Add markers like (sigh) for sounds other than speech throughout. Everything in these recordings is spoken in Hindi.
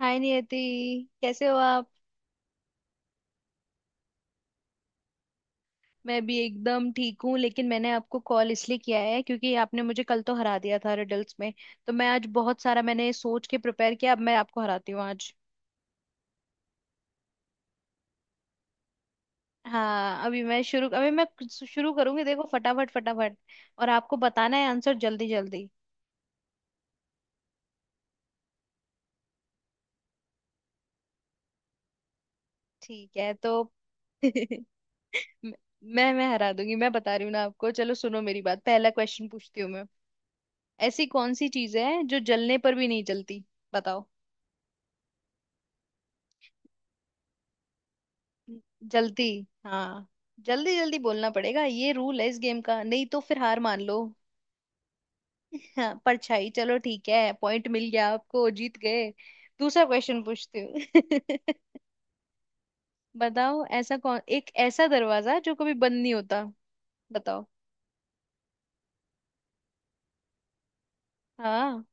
हाय नियति। कैसे हो आप। मैं भी एकदम ठीक हूँ, लेकिन मैंने आपको कॉल इसलिए किया है क्योंकि आपने मुझे कल तो हरा दिया था रिडल्स में। तो मैं आज बहुत सारा मैंने सोच के प्रिपेयर किया, अब मैं आपको हराती हूँ आज। हाँ, अभी मैं शुरू, अभी मैं कुछ शुरू करूंगी, देखो फटाफट फटाफट। और आपको बताना है आंसर जल्दी जल्दी। ठीक है तो (laughs) मैं हरा दूंगी, मैं बता रही हूँ ना आपको। चलो सुनो मेरी बात, पहला क्वेश्चन पूछती हूँ मैं। ऐसी कौन सी चीज है जो जलने पर भी नहीं जलती। बताओ। जल्दी। हाँ। जल्दी जल्दी बोलना पड़ेगा, ये रूल है इस गेम का, नहीं तो फिर हार मान लो। हाँ, परछाई, चलो ठीक है, पॉइंट मिल गया आपको, जीत गए। दूसरा क्वेश्चन पूछती हूँ। (laughs) बताओ, ऐसा कौन एक ऐसा दरवाजा जो कभी बंद नहीं होता। बताओ। हाँ,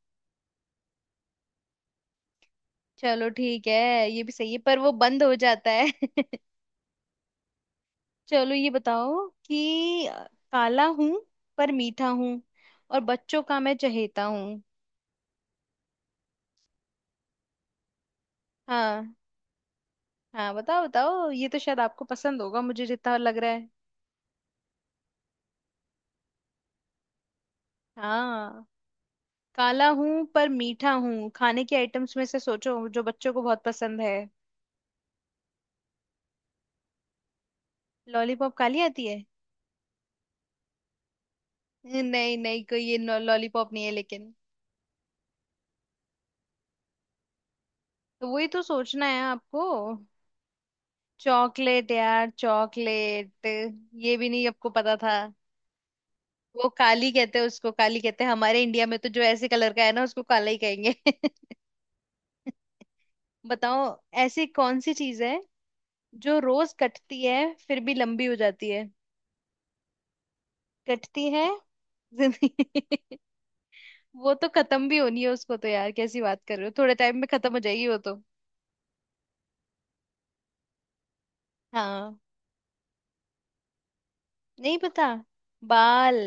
चलो ठीक है, ये भी सही है, पर वो बंद हो जाता है। (laughs) चलो ये बताओ कि काला हूं पर मीठा हूँ और बच्चों का मैं चहेता हूँ। हाँ। हाँ बताओ बताओ, ये तो शायद आपको पसंद होगा मुझे जितना लग रहा है। हाँ। काला हूँ पर मीठा हूँ, खाने के आइटम्स में से सोचो जो बच्चों को बहुत पसंद है। लॉलीपॉप काली आती है? (laughs) नहीं नहीं कोई, ये लॉलीपॉप नहीं है लेकिन। तो वही तो सोचना है आपको। चॉकलेट यार, चॉकलेट। ये भी नहीं आपको पता था। वो काली कहते हैं, उसको काली कहते हैं हमारे इंडिया में, तो जो ऐसे कलर का है ना उसको काला ही कहेंगे। (laughs) बताओ, ऐसी कौन सी चीज है जो रोज कटती है फिर भी लंबी हो जाती है। कटती है। जिंदगी? (laughs) वो तो खत्म भी होनी है उसको तो, यार कैसी बात कर रहे हो, थोड़े टाइम में खत्म हो जाएगी वो तो। हाँ। नहीं पता। बाल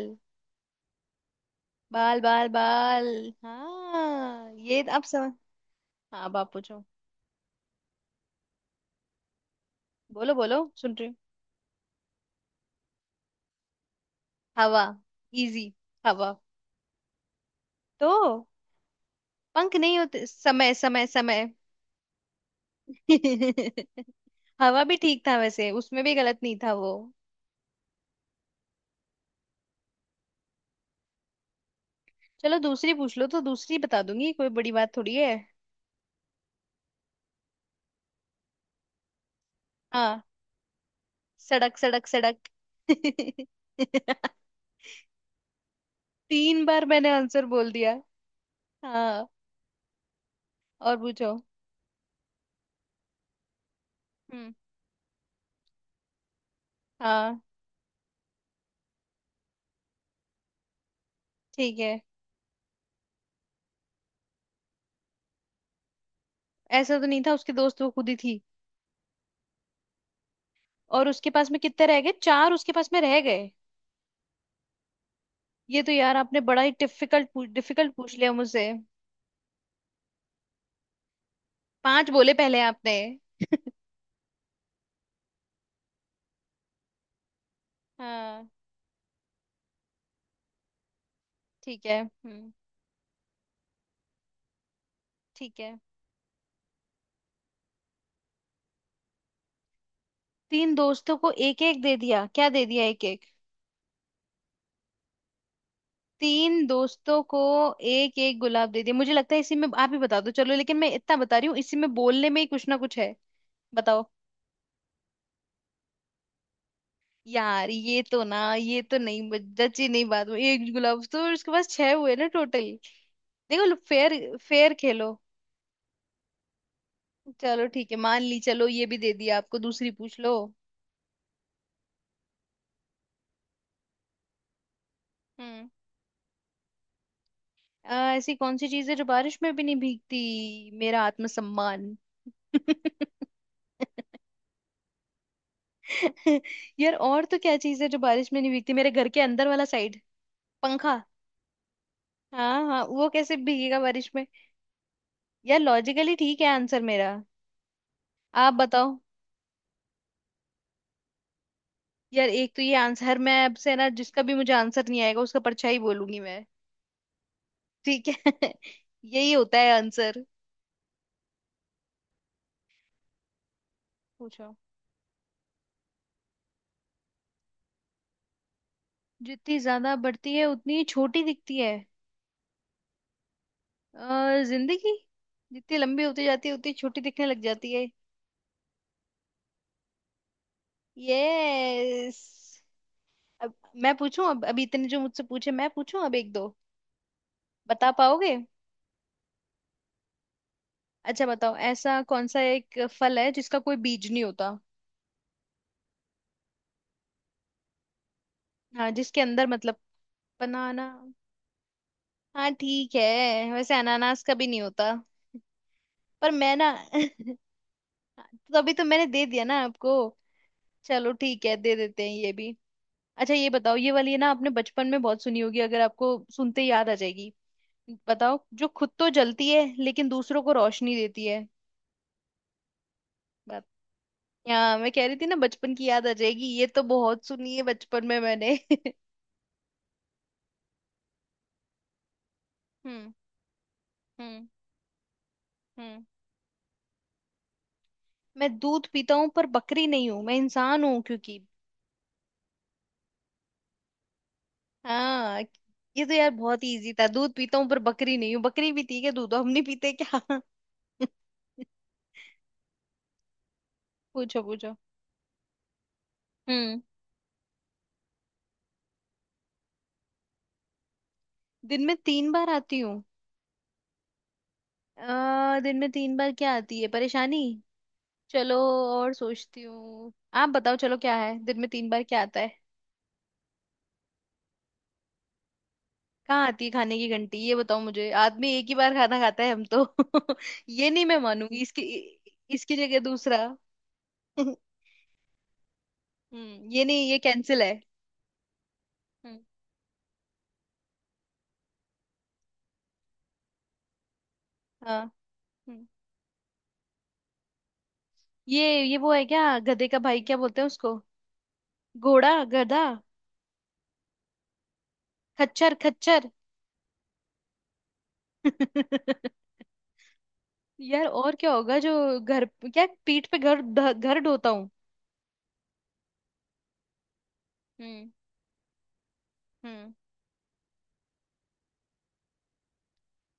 बाल बाल बाल। हाँ ये आप समझ। हाँ बाप पूछो। बोलो बोलो, सुन रही हूँ। हवा। इजी। हवा। तो पंख नहीं होते, समय समय समय। (laughs) हवा भी ठीक था वैसे, उसमें भी गलत नहीं था वो। चलो दूसरी पूछ लो, तो दूसरी बता दूंगी, कोई बड़ी बात थोड़ी है। हाँ। सड़क सड़क सड़क। (laughs) तीन बार मैंने आंसर बोल दिया। हाँ। और पूछो। हम्म। हाँ ठीक है। ऐसा तो नहीं था, उसके दोस्त वो खुद ही थी। और उसके पास में कितने रह गए, चार उसके पास में रह गए। ये तो यार आपने बड़ा ही डिफिकल्ट डिफिकल्ट पूछ लिया मुझसे। पांच बोले पहले आपने। हाँ। ठीक है। हम्म, ठीक है। तीन दोस्तों को एक एक दे दिया, क्या दे दिया, एक। तीन दोस्तों को एक एक गुलाब दे दिया, मुझे लगता है इसी में, आप ही बता दो चलो, लेकिन मैं इतना बता रही हूँ इसी में बोलने में ही कुछ ना कुछ है। बताओ। यार ये तो ना, ये तो नहीं जची ही नहीं बात हुई। एक गुलाब तो उसके पास छह हुए ना टोटल। देखो, फेयर। फेयर खेलो। चलो ठीक है, मान ली, चलो ये भी दे दिया आपको, दूसरी पूछ लो। हम्म। ऐसी कौन सी चीज है जो बारिश में भी नहीं भीगती। मेरा आत्मसम्मान। (laughs) यार और तो क्या चीज है जो बारिश में नहीं भीगती, मेरे घर के अंदर वाला साइड, पंखा। हाँ हाँ, वो कैसे भीगेगा बारिश में। यार लॉजिकली ठीक है आंसर मेरा। आप बताओ। यार एक तो ये आंसर मैं अब से ना, जिसका भी मुझे आंसर नहीं आएगा उसका परछाई बोलूंगी मैं। ठीक है। (laughs) यही होता है आंसर। पूछो। जितनी ज्यादा बढ़ती है उतनी छोटी दिखती है। जिंदगी, जितनी लंबी होती जाती है उतनी छोटी दिखने लग जाती है। यस। अब मैं पूछूं, अब अभी इतने जो मुझसे पूछे, मैं पूछूं अब एक दो। बता पाओगे? अच्छा बताओ, ऐसा कौन सा एक फल है जिसका कोई बीज नहीं होता। हाँ, जिसके अंदर मतलब। बनाना। हाँ ठीक है, वैसे अनानास का भी नहीं होता, पर मैं ना (laughs) तो अभी तो मैंने दे दिया ना आपको, चलो ठीक है, दे देते हैं ये भी। अच्छा ये बताओ, ये वाली है ना आपने बचपन में बहुत सुनी होगी, अगर आपको सुनते ही याद आ जाएगी। बताओ, जो खुद तो जलती है लेकिन दूसरों को रोशनी देती है। बात। यहाँ मैं कह रही थी ना बचपन की याद आ जाएगी, ये तो बहुत सुनी है बचपन में मैंने। (laughs) हम्म हम्म हम्म। मैं दूध पीता हूँ पर बकरी नहीं हूँ, मैं इंसान हूँ क्योंकि। हाँ। ये तो यार बहुत ही इजी था, दूध पीता हूँ पर बकरी नहीं हूँ, बकरी भी थी क्या, दूध तो हम नहीं पीते क्या। (laughs) पूछो पूछो। हम्म। दिन में तीन बार आती हूँ। दिन में तीन बार क्या आती है, परेशानी। चलो, और सोचती हूँ। आप बताओ चलो, क्या है दिन में तीन बार क्या आता है। कहाँ आती है खाने की घंटी, ये बताओ मुझे, आदमी एक ही बार खाना खाता है, हम तो (laughs) ये नहीं मैं मानूंगी इसकी। इसकी जगह दूसरा। (laughs) हम्म, ये नहीं, ये कैंसिल है। हम्म। हाँ। हम्म। ये वो है क्या, गधे का भाई क्या बोलते हैं उसको। घोड़ा, गधा। खच्चर खच्चर। (laughs) यार और क्या होगा जो घर, क्या पीठ पे घर घर ढोता हूँ। हम्म। हम्म।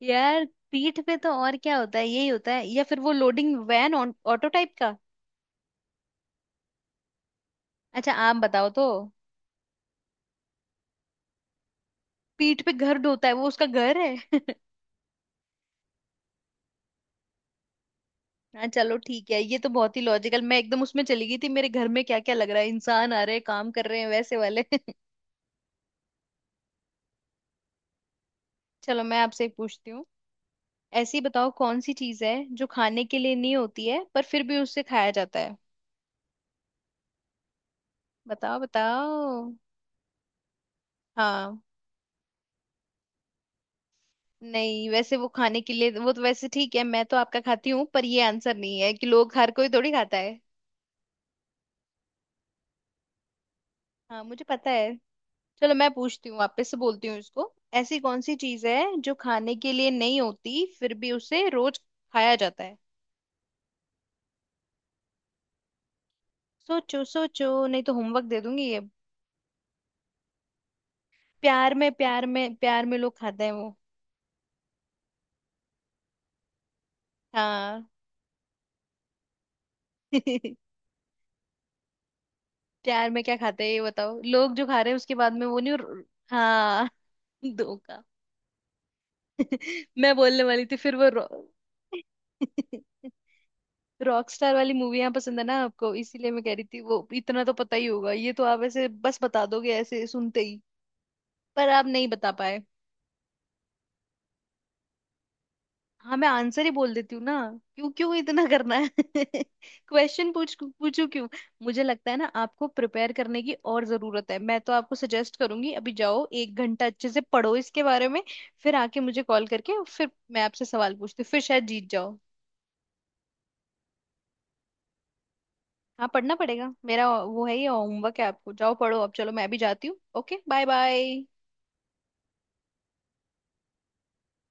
यार पीठ पे तो और क्या होता है, यही होता है, या फिर वो लोडिंग वैन ऑटो टाइप का। अच्छा आप बताओ तो। पीठ पे घर ढोता है, वो उसका घर है। (laughs) हाँ चलो ठीक है, ये तो बहुत ही लॉजिकल, मैं एकदम उसमें चली गई थी, मेरे घर में क्या क्या लग रहा है, इंसान आ रहे हैं काम कर रहे हैं वैसे वाले। (laughs) चलो मैं आपसे एक पूछती हूँ। ऐसी बताओ कौन सी चीज है जो खाने के लिए नहीं होती है पर फिर भी उससे खाया जाता है। बताओ बताओ। हाँ। नहीं, वैसे वो खाने के लिए, वो तो वैसे ठीक है, मैं तो आपका खाती हूँ, पर ये आंसर नहीं है कि लोग, हर कोई थोड़ी खाता है। हाँ मुझे पता है। चलो मैं पूछती हूँ, आप पे से बोलती हूँ इसको। ऐसी कौन सी चीज है जो खाने के लिए नहीं होती फिर भी उसे रोज खाया जाता है। सोचो सोचो, नहीं तो होमवर्क दे दूंगी ये। प्यार में, प्यार में, प्यार में लोग खाते हैं वो। हाँ। (laughs) प्यार में क्या खाते हैं ये बताओ, लोग जो खा रहे हैं उसके बाद में, वो नहीं और-। हाँ। (laughs) धोखा। (laughs) मैं बोलने वाली थी फिर वो रॉक स्टार (laughs) वाली मूवियां पसंद है ना आपको, इसीलिए मैं कह रही थी, वो इतना तो पता ही होगा, ये तो आप ऐसे बस बता दोगे ऐसे सुनते ही। पर आप नहीं बता पाए। हाँ मैं आंसर ही बोल देती हूँ ना, क्यों क्यों इतना करना है (laughs) क्वेश्चन पूछ पूछू क्यों। मुझे लगता है ना आपको प्रिपेयर करने की और जरूरत है, मैं तो आपको सजेस्ट करूंगी अभी जाओ 1 घंटा अच्छे से पढ़ो इसके बारे में, फिर आके मुझे कॉल करके और फिर मैं आपसे सवाल पूछती हूँ, फिर शायद जीत जाओ। हाँ पढ़ना पड़ेगा, मेरा वो है, ये होमवर्क है आपको, जाओ पढ़ो अब, चलो मैं भी जाती हूँ, ओके बाय बाय।